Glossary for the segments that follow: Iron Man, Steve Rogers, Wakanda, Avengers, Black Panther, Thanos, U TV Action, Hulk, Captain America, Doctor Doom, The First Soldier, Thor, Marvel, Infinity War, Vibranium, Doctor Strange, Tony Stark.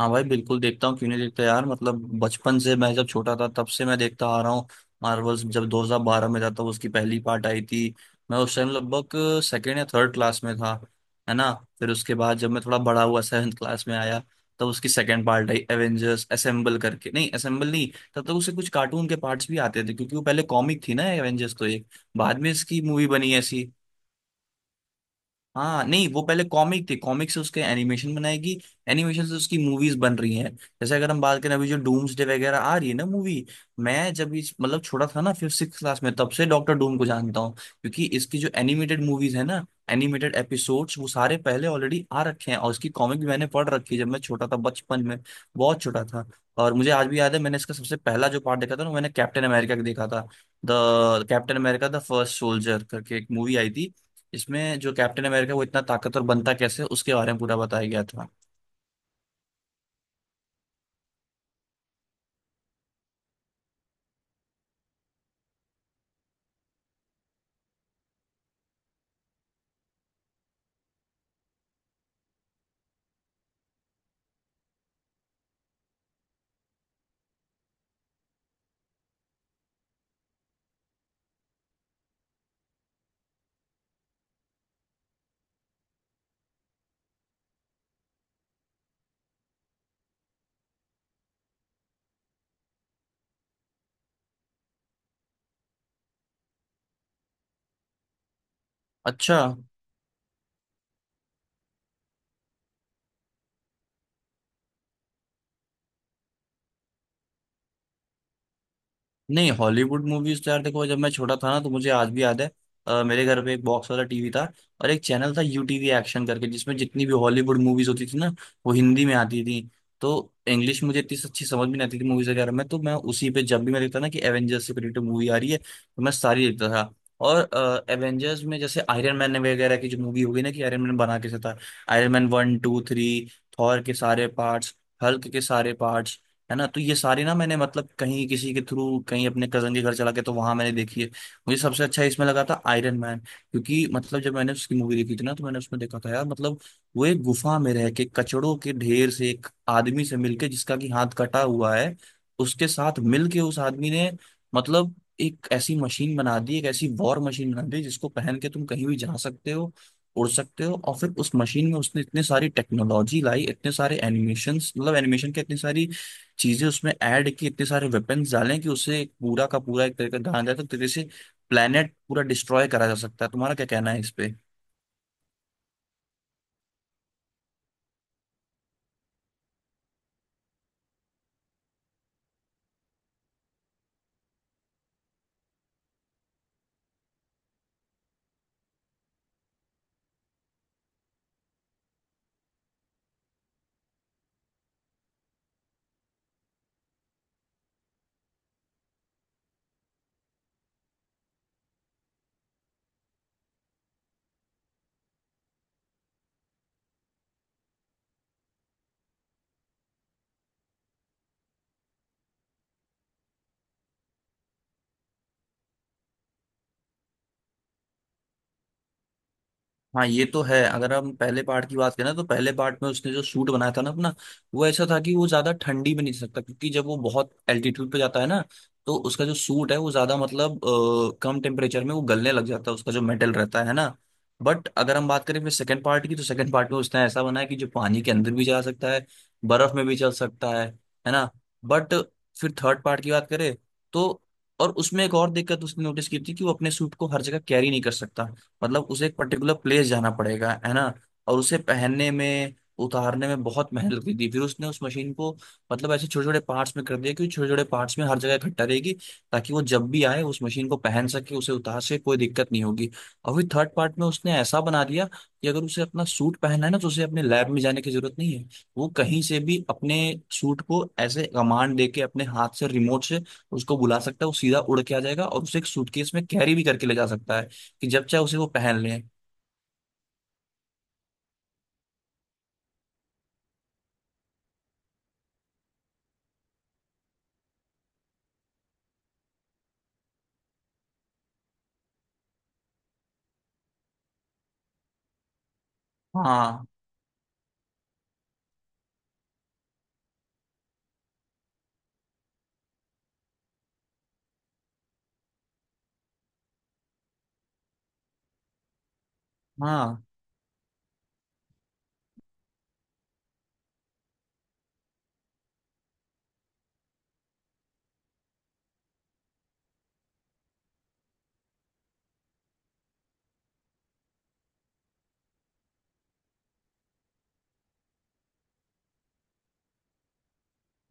हाँ भाई बिल्कुल देखता हूँ। क्यों नहीं देखता यार। मतलब बचपन से, मैं जब छोटा था तब से मैं देखता आ रहा हूँ। मार्वल्स जब 2012 में था तब उसकी पहली पार्ट आई थी। मैं उस टाइम लगभग सेकेंड या थर्ड क्लास में था, है ना। फिर उसके बाद जब मैं थोड़ा बड़ा हुआ, सेवन्थ क्लास में आया, तब उसकी सेकेंड पार्ट आई एवेंजर्स असेंबल करके। नहीं, असेंबल नहीं। तब तक उसे कुछ कार्टून के पार्ट्स भी आते थे क्योंकि वो पहले कॉमिक थी ना एवेंजर्स, तो एक बाद में इसकी मूवी बनी ऐसी। हाँ नहीं, वो पहले कॉमिक थी। कॉमिक से उसके एनिमेशन बनाएगी, एनिमेशन से उसकी मूवीज बन रही हैं। जैसे अगर हम बात करें अभी जो डूम्सडे वगैरह आ रही है ना मूवी, मैं जब इस मतलब छोटा था ना फिफ्थ सिक्स क्लास में, तब से डॉक्टर डूम को जानता हूँ, क्योंकि इसकी जो एनिमेटेड मूवीज है ना, एनिमेटेड एपिसोड्स वो सारे पहले ऑलरेडी आ रखे हैं, और इसकी कॉमिक भी मैंने पढ़ रखी है जब मैं छोटा था बचपन में, बहुत छोटा था। और मुझे आज भी याद है, मैंने इसका सबसे पहला जो पार्ट देखा था ना, मैंने कैप्टन अमेरिका का देखा था। The Captain America the First Soldier करके एक मूवी आई थी। इसमें जो कैप्टन अमेरिका, वो इतना ताकतवर बनता कैसे, उसके बारे में पूरा बताया गया था। अच्छा। नहीं, हॉलीवुड मूवीज तो यार देखो, जब मैं छोटा था ना तो मुझे आज भी याद है, मेरे घर पे एक बॉक्स वाला टीवी था, और एक चैनल था यू टीवी एक्शन करके, जिसमें जितनी भी हॉलीवुड मूवीज होती थी ना, वो हिंदी में आती थी। तो इंग्लिश मुझे इतनी अच्छी समझ भी नहीं आती थी मूवीज वगैरह में, तो मैं उसी पे जब भी मैं देखता ना कि एवेंजर्स से रिलेटेड मूवी आ रही है, तो मैं सारी देखता था। और एवेंजर्स में जैसे आयरन मैन वगैरह की जो मूवी हो गई ना, कि आयरन मैन बना कैसे था, Iron Man one two three, Thor के सारे पार्ट्स, हल्क के सारे पार्ट्स, है ना। तो ये सारी ना मैंने मतलब कहीं किसी के थ्रू, कहीं अपने कजन के घर चला के, तो वहां मैंने देखी है। मुझे सबसे अच्छा इसमें लगा था आयरन मैन, क्योंकि मतलब जब मैंने उसकी मूवी देखी थी ना, तो मैंने उसमें देखा था यार, मतलब वो एक गुफा में रह के, कचड़ों के ढेर से, एक आदमी से मिलके जिसका कि हाथ कटा हुआ है, उसके साथ मिलके उस आदमी ने, मतलब एक ऐसी मशीन बना दी, एक ऐसी वॉर मशीन बना दी जिसको पहन के तुम कहीं भी जा सकते हो, उड़ सकते हो। और फिर उस मशीन में उसने इतने सारी टेक्नोलॉजी लाई, इतने सारे एनिमेशन, मतलब एनिमेशन के इतनी सारी चीजें उसमें ऐड की, इतने सारे वेपन्स डालें, कि उससे एक पूरा का पूरा, एक तरीके से ढांचा जाए, तो तरीके से प्लेनेट पूरा डिस्ट्रॉय करा जा सकता है। तुम्हारा क्या कहना है इस पे। हाँ ये तो है। अगर हम पहले पार्ट की बात करें, तो पहले पार्ट में उसने जो सूट बनाया था ना अपना, वो ऐसा था कि वो ज्यादा ठंडी में नहीं सकता, क्योंकि जब वो बहुत एल्टीट्यूड पे जाता है ना, तो उसका जो सूट है वो ज्यादा मतलब, कम टेम्परेचर में वो गलने लग जाता है, उसका जो मेटल रहता है ना। बट अगर हम बात करें फिर सेकंड पार्ट की, तो सेकंड पार्ट में उसने ऐसा बनाया कि जो पानी के अंदर भी जा सकता है, बर्फ में भी चल सकता है ना। बट फिर थर्ड पार्ट की बात करें तो, और उसमें एक और दिक्कत उसने नोटिस की थी, कि वो अपने सूट को हर जगह कैरी नहीं कर सकता। मतलब उसे एक पर्टिकुलर प्लेस जाना पड़ेगा, है ना। और उसे पहनने में उतारने में बहुत मेहनत लगती थी, फिर उसने उस मशीन को मतलब ऐसे छोटे छोटे पार्ट्स में कर दिया, कि छोटे छोटे पार्ट्स में हर जगह इकट्ठा रहेगी, ताकि वो जब भी आए उस मशीन को पहन सके, उसे उतार सके, कोई दिक्कत नहीं होगी। और फिर थर्ड पार्ट में उसने ऐसा बना दिया कि अगर उसे अपना सूट पहनना है ना, तो उसे अपने लैब में जाने की जरूरत नहीं है। वो कहीं से भी अपने सूट को ऐसे कमांड देके अपने हाथ से, रिमोट से उसको बुला सकता है, वो सीधा उड़ के आ जाएगा, और उसे एक सूटकेस में कैरी भी करके ले जा सकता है, कि जब चाहे उसी को पहन ले। हाँ। हाँ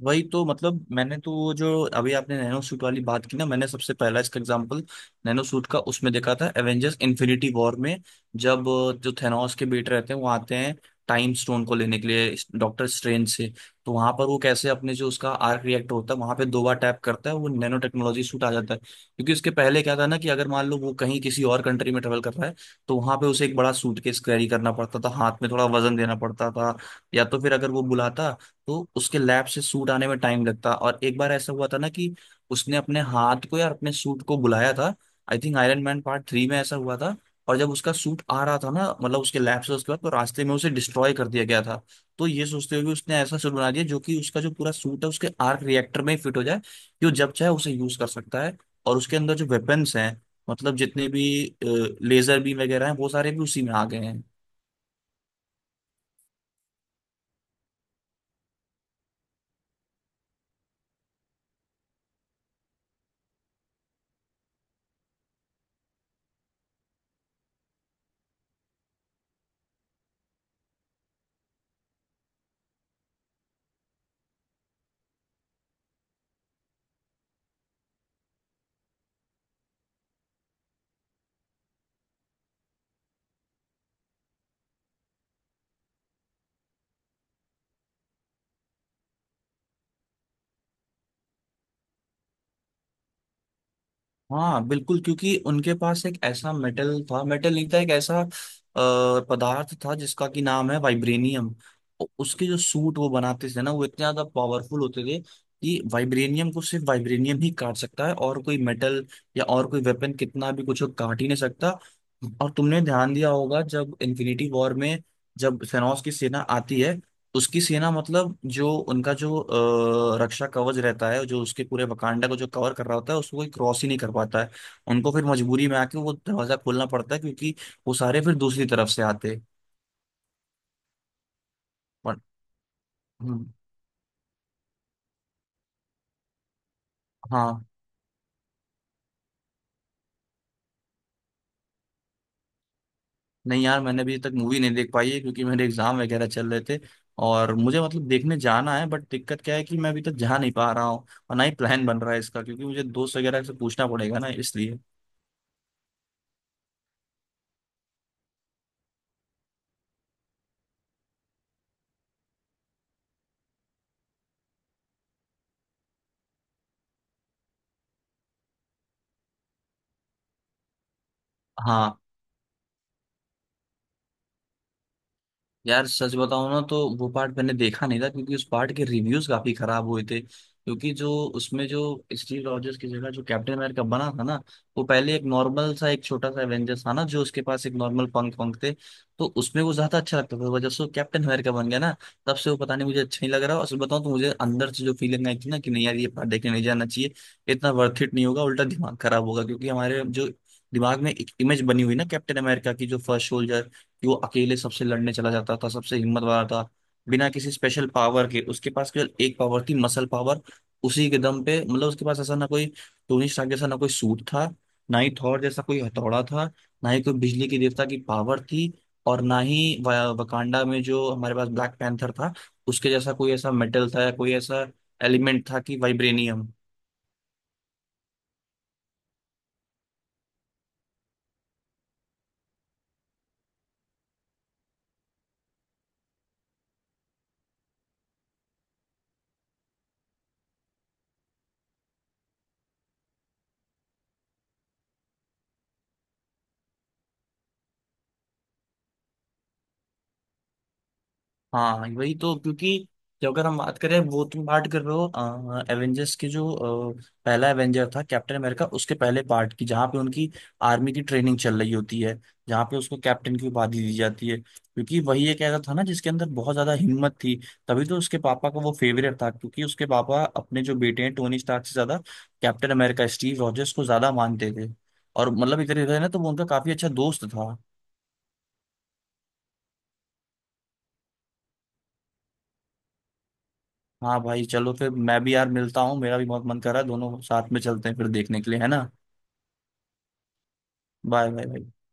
वही तो, मतलब मैंने तो वो जो अभी आपने नैनो सूट वाली बात की ना, मैंने सबसे पहला इसका एग्जांपल नैनो सूट का उसमें देखा था एवेंजर्स इन्फिनिटी वॉर में। जब जो थेनोस के बेटे रहते हैं, वो आते हैं टाइम स्टोन को लेने के लिए डॉक्टर स्ट्रेंज से, तो वहां पर वो कैसे अपने जो उसका आर्क रिएक्टर होता है वहां पे दो बार टैप करता है, वो नैनो टेक्नोलॉजी सूट आ जाता है। क्योंकि उसके पहले क्या था ना, कि अगर मान लो वो कहीं किसी और कंट्री में ट्रेवल कर रहा है, तो वहां पे उसे एक बड़ा सूटकेस कैरी करना पड़ता था, हाथ में थोड़ा वजन देना पड़ता था, या तो फिर अगर वो बुलाता, तो उसके लैब से सूट आने में टाइम लगता। और एक बार ऐसा हुआ था ना, कि उसने अपने हाथ को या अपने सूट को बुलाया था, I think Iron Man part three में ऐसा हुआ था। और जब उसका सूट आ रहा था ना मतलब उसके लैब से, उसके बाद तो रास्ते में उसे डिस्ट्रॉय कर दिया गया था। तो ये सोचते हुए कि उसने ऐसा सूट बना दिया जो कि उसका जो पूरा सूट है उसके आर्क रिएक्टर में फिट हो जाए, कि वो जब चाहे उसे यूज कर सकता है। और उसके अंदर जो वेपन्स हैं, मतलब जितने भी लेजर बीम वगैरह हैं, वो सारे भी उसी में आ गए हैं। हाँ बिल्कुल, क्योंकि उनके पास एक ऐसा मेटल था, मेटल नहीं था, एक ऐसा पदार्थ था जिसका कि नाम है वाइब्रेनियम। उसके जो सूट वो बनाते थे ना, वो इतने ज्यादा पावरफुल होते थे कि वाइब्रेनियम को सिर्फ वाइब्रेनियम ही काट सकता है, और कोई मेटल या और कोई वेपन कितना भी कुछ हो, काट ही नहीं सकता। और तुमने ध्यान दिया होगा, जब इन्फिनिटी वॉर में जब थेनोस की सेना आती है, उसकी सेना, मतलब जो उनका जो रक्षा कवच रहता है जो उसके पूरे वकांडा को जो कवर कर रहा होता है, उसको कोई क्रॉस ही नहीं कर पाता है। उनको फिर मजबूरी में आके वो दरवाजा खोलना पड़ता है, क्योंकि वो सारे फिर दूसरी तरफ से आते हैं। पर हम्म, हाँ। नहीं यार, मैंने अभी तक मूवी नहीं देख पाई है क्योंकि मेरे एग्जाम वगैरह चल रहे थे। और मुझे मतलब देखने जाना है, बट दिक्कत क्या है कि मैं अभी तक जा नहीं पा रहा हूँ, और ना ही प्लान बन रहा है इसका, क्योंकि मुझे दोस्त वगैरह से पूछना पड़ेगा ना, इसलिए। हाँ। यार सच बताऊं ना, तो वो पार्ट मैंने देखा नहीं था क्योंकि उस पार्ट के रिव्यूज काफी खराब हुए थे। क्योंकि जो उसमें जो स्टीव रॉजर्स की जगह जो कैप्टन अमेरिका बना था ना, वो पहले एक नॉर्मल सा एक छोटा सा एवेंजर्स था ना, जो उसके पास एक नॉर्मल पंख पंख थे। तो उसमें वो ज्यादा अच्छा लगता था। वो जब से वो कैप्टन अमेरिका बन गया ना, तब से वो पता नहीं मुझे अच्छा नहीं लग रहा। और सच बताऊं तो मुझे अंदर से जो फीलिंग आई थी ना, कि नहीं यार ये पार्ट देखने नहीं जाना चाहिए, इतना वर्थ इट नहीं होगा, उल्टा दिमाग खराब होगा। क्योंकि हमारे जो दिमाग में एक इमेज बनी हुई ना कैप्टन अमेरिका की, जो फर्स्ट सोल्जर, कि वो अकेले सबसे लड़ने चला जाता था, सबसे हिम्मत वाला था। बिना किसी स्पेशल पावर के, उसके पास केवल एक पावर थी, मसल पावर। उसी के दम पे मतलब, उसके पास ऐसा ना कोई टोनी स्टार्क जैसा ना कोई सूट था, ना ही थॉर जैसा कोई हथौड़ा था, ना ही कोई बिजली के देवता की पावर थी, और ना ही वकांडा में जो हमारे पास ब्लैक पैंथर था उसके जैसा कोई ऐसा मेटल था, या कोई ऐसा एलिमेंट था, कि वाइब्रेनियम। हाँ वही तो, क्योंकि जो अगर हम बात करें, वो तुम बात कर रहे हो एवेंजर्स के जो पहला एवेंजर था कैप्टन अमेरिका, उसके पहले पार्ट की, जहाँ पे उनकी आर्मी की ट्रेनिंग चल रही होती है, जहाँ पे उसको कैप्टन की उपाधि दी जाती है क्योंकि वही एक ऐसा था ना जिसके अंदर बहुत ज्यादा हिम्मत थी। तभी तो उसके पापा का वो फेवरेट था, क्योंकि उसके पापा अपने जो बेटे हैं टोनी स्टार्क से ज्यादा कैप्टन अमेरिका स्टीव रॉजर्स को ज्यादा मानते थे, और मतलब एक तरीके से ना तो वो उनका काफी अच्छा दोस्त था। हाँ भाई चलो, फिर मैं भी यार मिलता हूँ, मेरा भी बहुत मन कर रहा है, दोनों साथ में चलते हैं फिर देखने के लिए, है ना। बाय बाय भाई।